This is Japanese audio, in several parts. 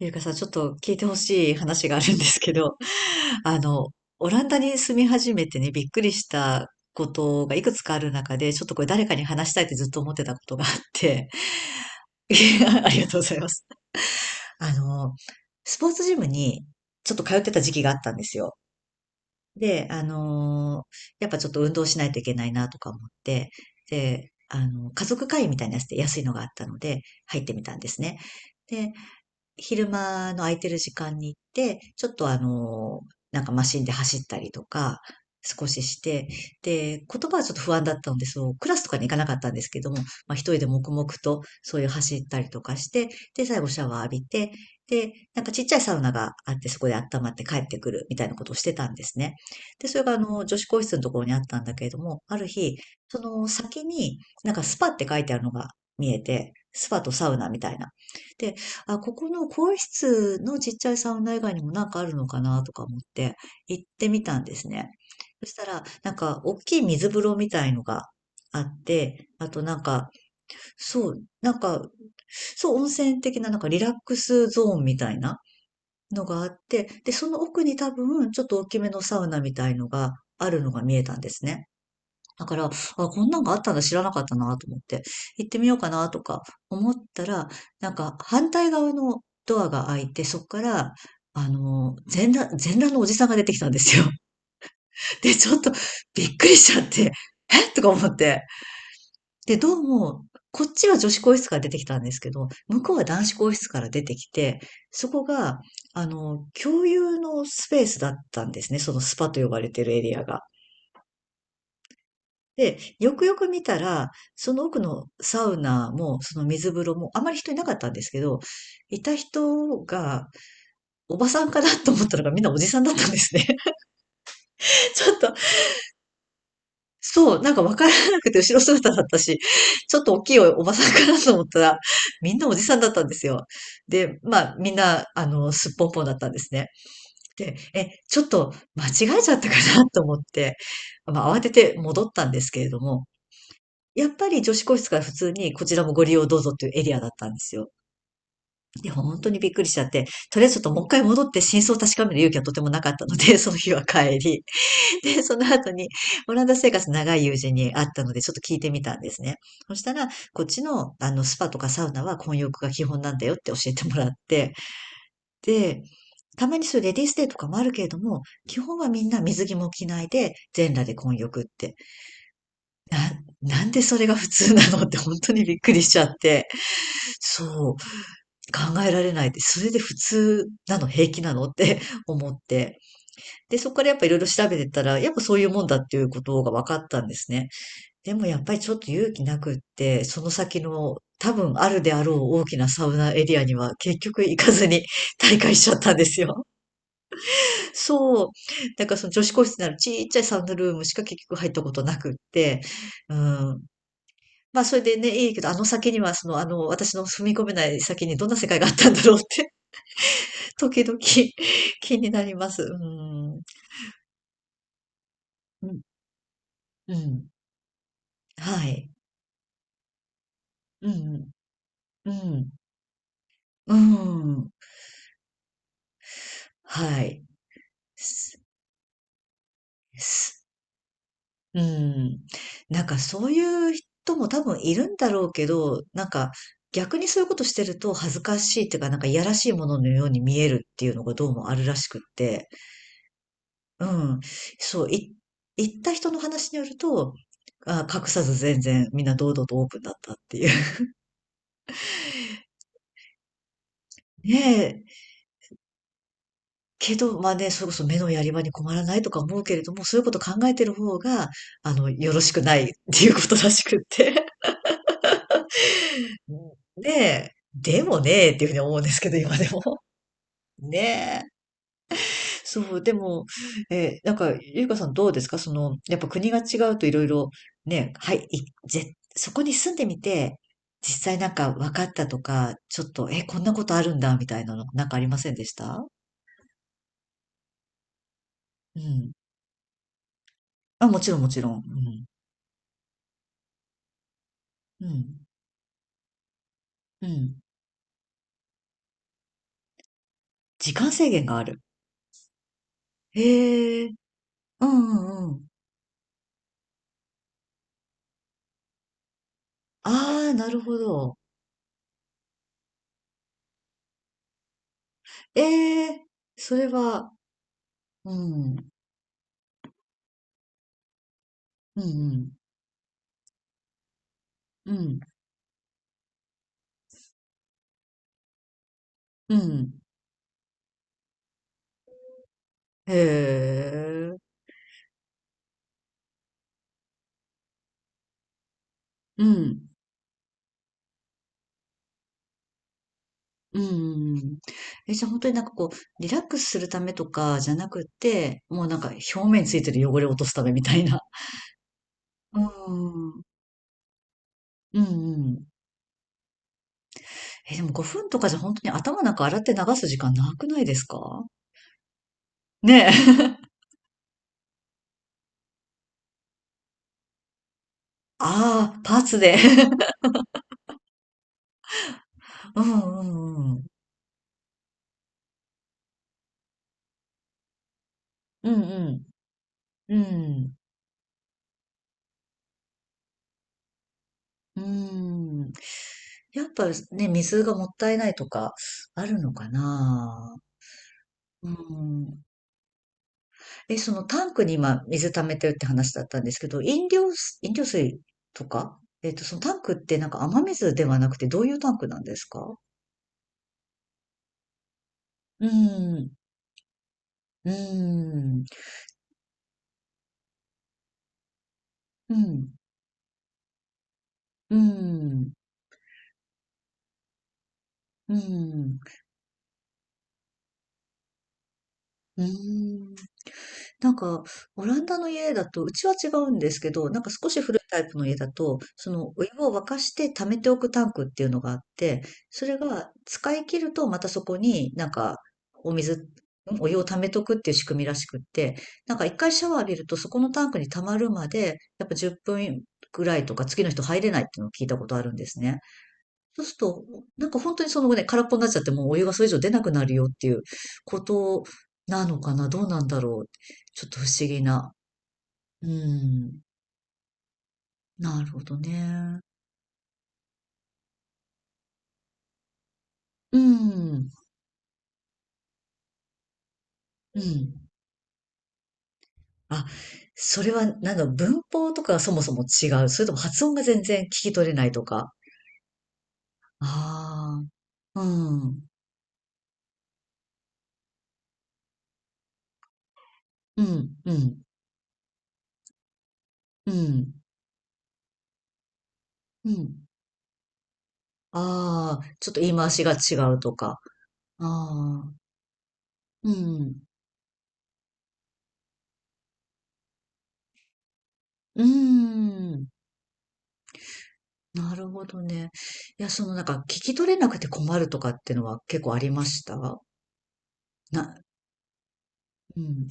ゆうかさん、ちょっと聞いてほしい話があるんですけど、あの、オランダに住み始めてね、びっくりしたことがいくつかある中で、ちょっとこれ誰かに話したいってずっと思ってたことがあって、いやありがとうございます。あの、スポーツジムにちょっと通ってた時期があったんですよ。で、あのーやっぱちょっと運動しないといけないなとか思って、で、あの、家族会員みたいなやつで安いのがあったので、入ってみたんですね。で、昼間の空いてる時間に行って、ちょっとあの、なんかマシンで走ったりとか、少しして、で、言葉はちょっと不安だったので、そう、クラスとかに行かなかったんですけども、まあ一人で黙々とそういう走ったりとかして、で、最後シャワー浴びて、で、なんかちっちゃいサウナがあって、そこで温まって帰ってくるみたいなことをしてたんですね。で、それが女子更衣室のところにあったんだけれども、ある日、その先になんかスパって書いてあるのが見えて、スパとサウナみたいな。で、あ、ここの更衣室のちっちゃいサウナ以外にもなんかあるのかなとか思って行ってみたんですね。そしたら、なんか大きい水風呂みたいのがあって、あとなんか、そう、なんか、そう、温泉的ななんかリラックスゾーンみたいなのがあって、で、その奥に多分ちょっと大きめのサウナみたいのがあるのが見えたんですね。だから、あ、こんなんがあったんだ知らなかったなと思って、行ってみようかなとか思ったら、なんか反対側のドアが開いて、そこから、あの、全裸のおじさんが出てきたんですよ。で、ちょっとびっくりしちゃって、えとか思って。で、どうも、こっちは女子更衣室から出てきたんですけど、向こうは男子更衣室から出てきて、そこが、あの、共有のスペースだったんですね。そのスパと呼ばれてるエリアが。で、よくよく見たら、その奥のサウナも、その水風呂も、あまり人いなかったんですけど、いた人が、おばさんかなと思ったのがみんなおじさんだったんですね。ちょっと、そう、なんかわからなくて後ろ姿だったし、ちょっと大きいおばさんかなと思ったら、みんなおじさんだったんですよ。で、まあ、みんな、あの、すっぽんぽんだったんですね。で、え、ちょっと間違えちゃったかなと思って、まあ、慌てて戻ったんですけれども、やっぱり女子更室から普通にこちらもご利用どうぞっていうエリアだったんですよ。で、本当にびっくりしちゃって、とりあえずちょっともう一回戻って真相を確かめる勇気はとてもなかったので、その日は帰り。で、その後にオランダ生活長い友人に会ったので、ちょっと聞いてみたんですね。そしたら、こっちのあのスパとかサウナは混浴が基本なんだよって教えてもらって、で、たまにそういうレディースデーとかもあるけれども、基本はみんな水着も着ないで、全裸で混浴って。な、なんでそれが普通なのって本当にびっくりしちゃって。そう、考えられないって、それで普通なの、平気なのって 思って。で、そこからやっぱいろいろ調べてたら、やっぱそういうもんだっていうことが分かったんですね。でもやっぱりちょっと勇気なくって、その先の多分あるであろう大きなサウナエリアには結局行かずに 大会しちゃったんですよ。そう。だからその女子個室にあるちっちゃいサウナルームしか結局入ったことなくって、うん。まあそれでね、いいけど、あの先にはその、あの、私の踏み込めない先にどんな世界があったんだろうって時々 気になります。うん。うん、うん。はい。うん、うん。うん。はい。すすうん。なんかそういう人も多分いるんだろうけど、なんか逆にそういうことしてると恥ずかしいっていうか、なんかいやらしいもののように見えるっていうのがどうもあるらしくって。うん。そう、行った人の話によると、あ、隠さず全然みんな堂々とオープンだったっていう。ねえけど、まあね、それこそ目のやり場に困らないとか思うけれども、そういうこと考えてる方が、あの、よろしくないっていうことらしくって。うんねでもねっていうふうに思うんですけど、今でも。ねえ。そう、でも、なんか、ゆうかさんどうですかその、やっぱ国が違うといろいろ、そこに住んでみて、実際なんか分かったとか、ちょっと、え、こんなことあるんだ、みたいなの、なんかありませんでしたうん。あ、もちろん、もちろん。うん。うん。うん。時間制限がある。へえ、うんうんうん。ああ、なるほど。ええ、それは、うん、うん、うん、うん、へえ、うん、うん。え、じゃあ本当になんかこう、リラックスするためとかじゃなくて、もうなんか表面についてる汚れを落とすためみたいな。うん、うん、うん。え、でも5分とかじゃ本当に頭なんか洗って流す時間なくないですか？ねえ。ああ、パーツで。うんうんうん。うんうん。うん。うん。やっぱね、水がもったいないとかあるのかな。うん。え、そのタンクに今水溜めてるって話だったんですけど、飲料水、飲料水とかえっと、そのタンクってなんか雨水ではなくてどういうタンクなんですか？うん。うん。うん。うん。うん。うん。なんか、オランダの家だと、うちは違うんですけど、なんか少し古いタイプの家だと、そのお湯を沸かして溜めておくタンクっていうのがあって、それが使い切るとまたそこになんかお水、んお湯を溜めとくっていう仕組みらしくって、なんか一回シャワー浴びるとそこのタンクに溜まるまで、やっぱ10分ぐらいとか次の人入れないっていうのを聞いたことあるんですね。そうすると、なんか本当にそのね、空っぽになっちゃってもうお湯がそれ以上出なくなるよっていうことなのかなどうなんだろう、ちょっと不思議な。うん。なるほどね。うん。うん。あ、それはなんか文法とかがそもそも違う。それとも発音が全然聞き取れないとか。ああ、うん。うん、うん、うん、うん。ああ、ちょっと言い回しが違うとか。ああ、うん、うん。なるほどね。いや、そのなんか聞き取れなくて困るとかってのは結構ありましたな、うん。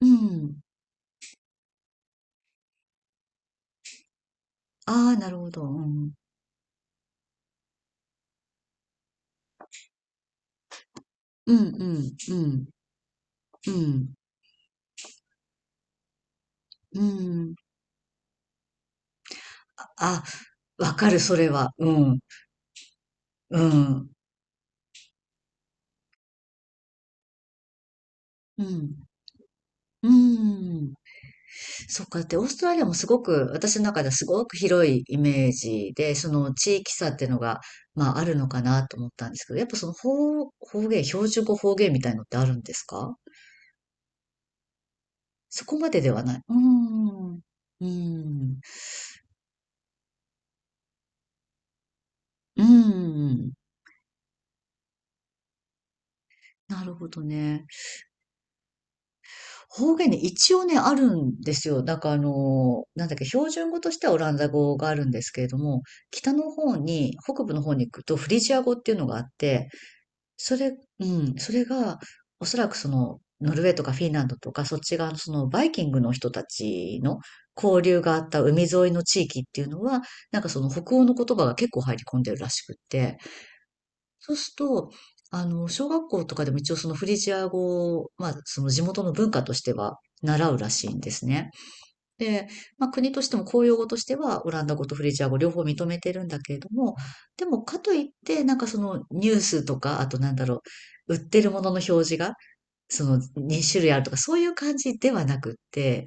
うん。ああ、なるほど。うん。うん、うん、うん、うん、うん。あ、わかる、それは。うん、うん、うん、うん。そっか、で、オーストラリアもすごく、私の中ではすごく広いイメージで、その地域差っていうのが、まあ、あるのかなと思ったんですけど、やっぱ方言、標準語方言みたいのってあるんですか？そこまでではない。うーん。うーん。うーん。なるほどね。方言ね、一応ね、あるんですよ。なんかあの、なんだっけ、標準語としてはオランダ語があるんですけれども、北の方に、北部の方に行くとフリジア語っていうのがあって、それうん、それが、おそらくその、ノルウェーとかフィンランドとか、そっち側のそのバイキングの人たちの交流があった海沿いの地域っていうのは、なんかその北欧の言葉が結構入り込んでるらしくって。そうすると、あの、小学校とかでも一応そのフリジア語を、まあ、その地元の文化としては習うらしいんですね。で、まあ、国としても公用語としてはオランダ語とフリジア語両方認めてるんだけれども、でもかといって、なんかそのニュースとか、あとなんだろう、売ってるものの表示が、その二種類あるとか、そういう感じではなくって、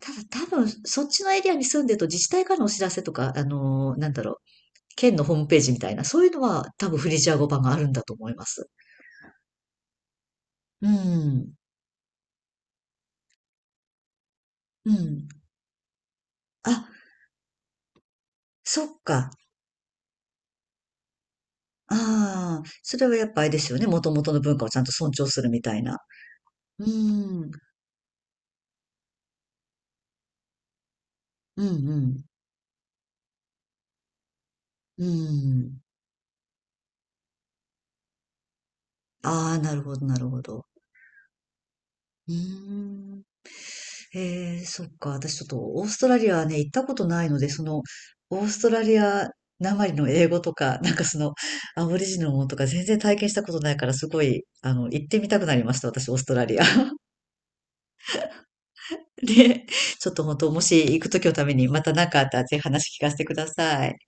ただ多分、そっちのエリアに住んでると自治体からのお知らせとか、あの、なんだろう、県のホームページみたいな、そういうのは多分フリジア語版があるんだと思います。うん。うん。あ、そっか。ああ、それはやっぱあれですよね。もともとの文化をちゃんと尊重するみたいな。うん。うんうん。うん。ああ、なるほど、なるほど。うーん。ええ、そっか。私ちょっとオーストラリアはね、行ったことないので、その、オーストラリアなまりの英語とか、なんかその、アボリジナルのものとか全然体験したことないから、すごい、あの、行ってみたくなりました。私、オーストラリア。で、ちょっと本当、もし行くときのためにまた何かあったらぜひ話聞かせてください。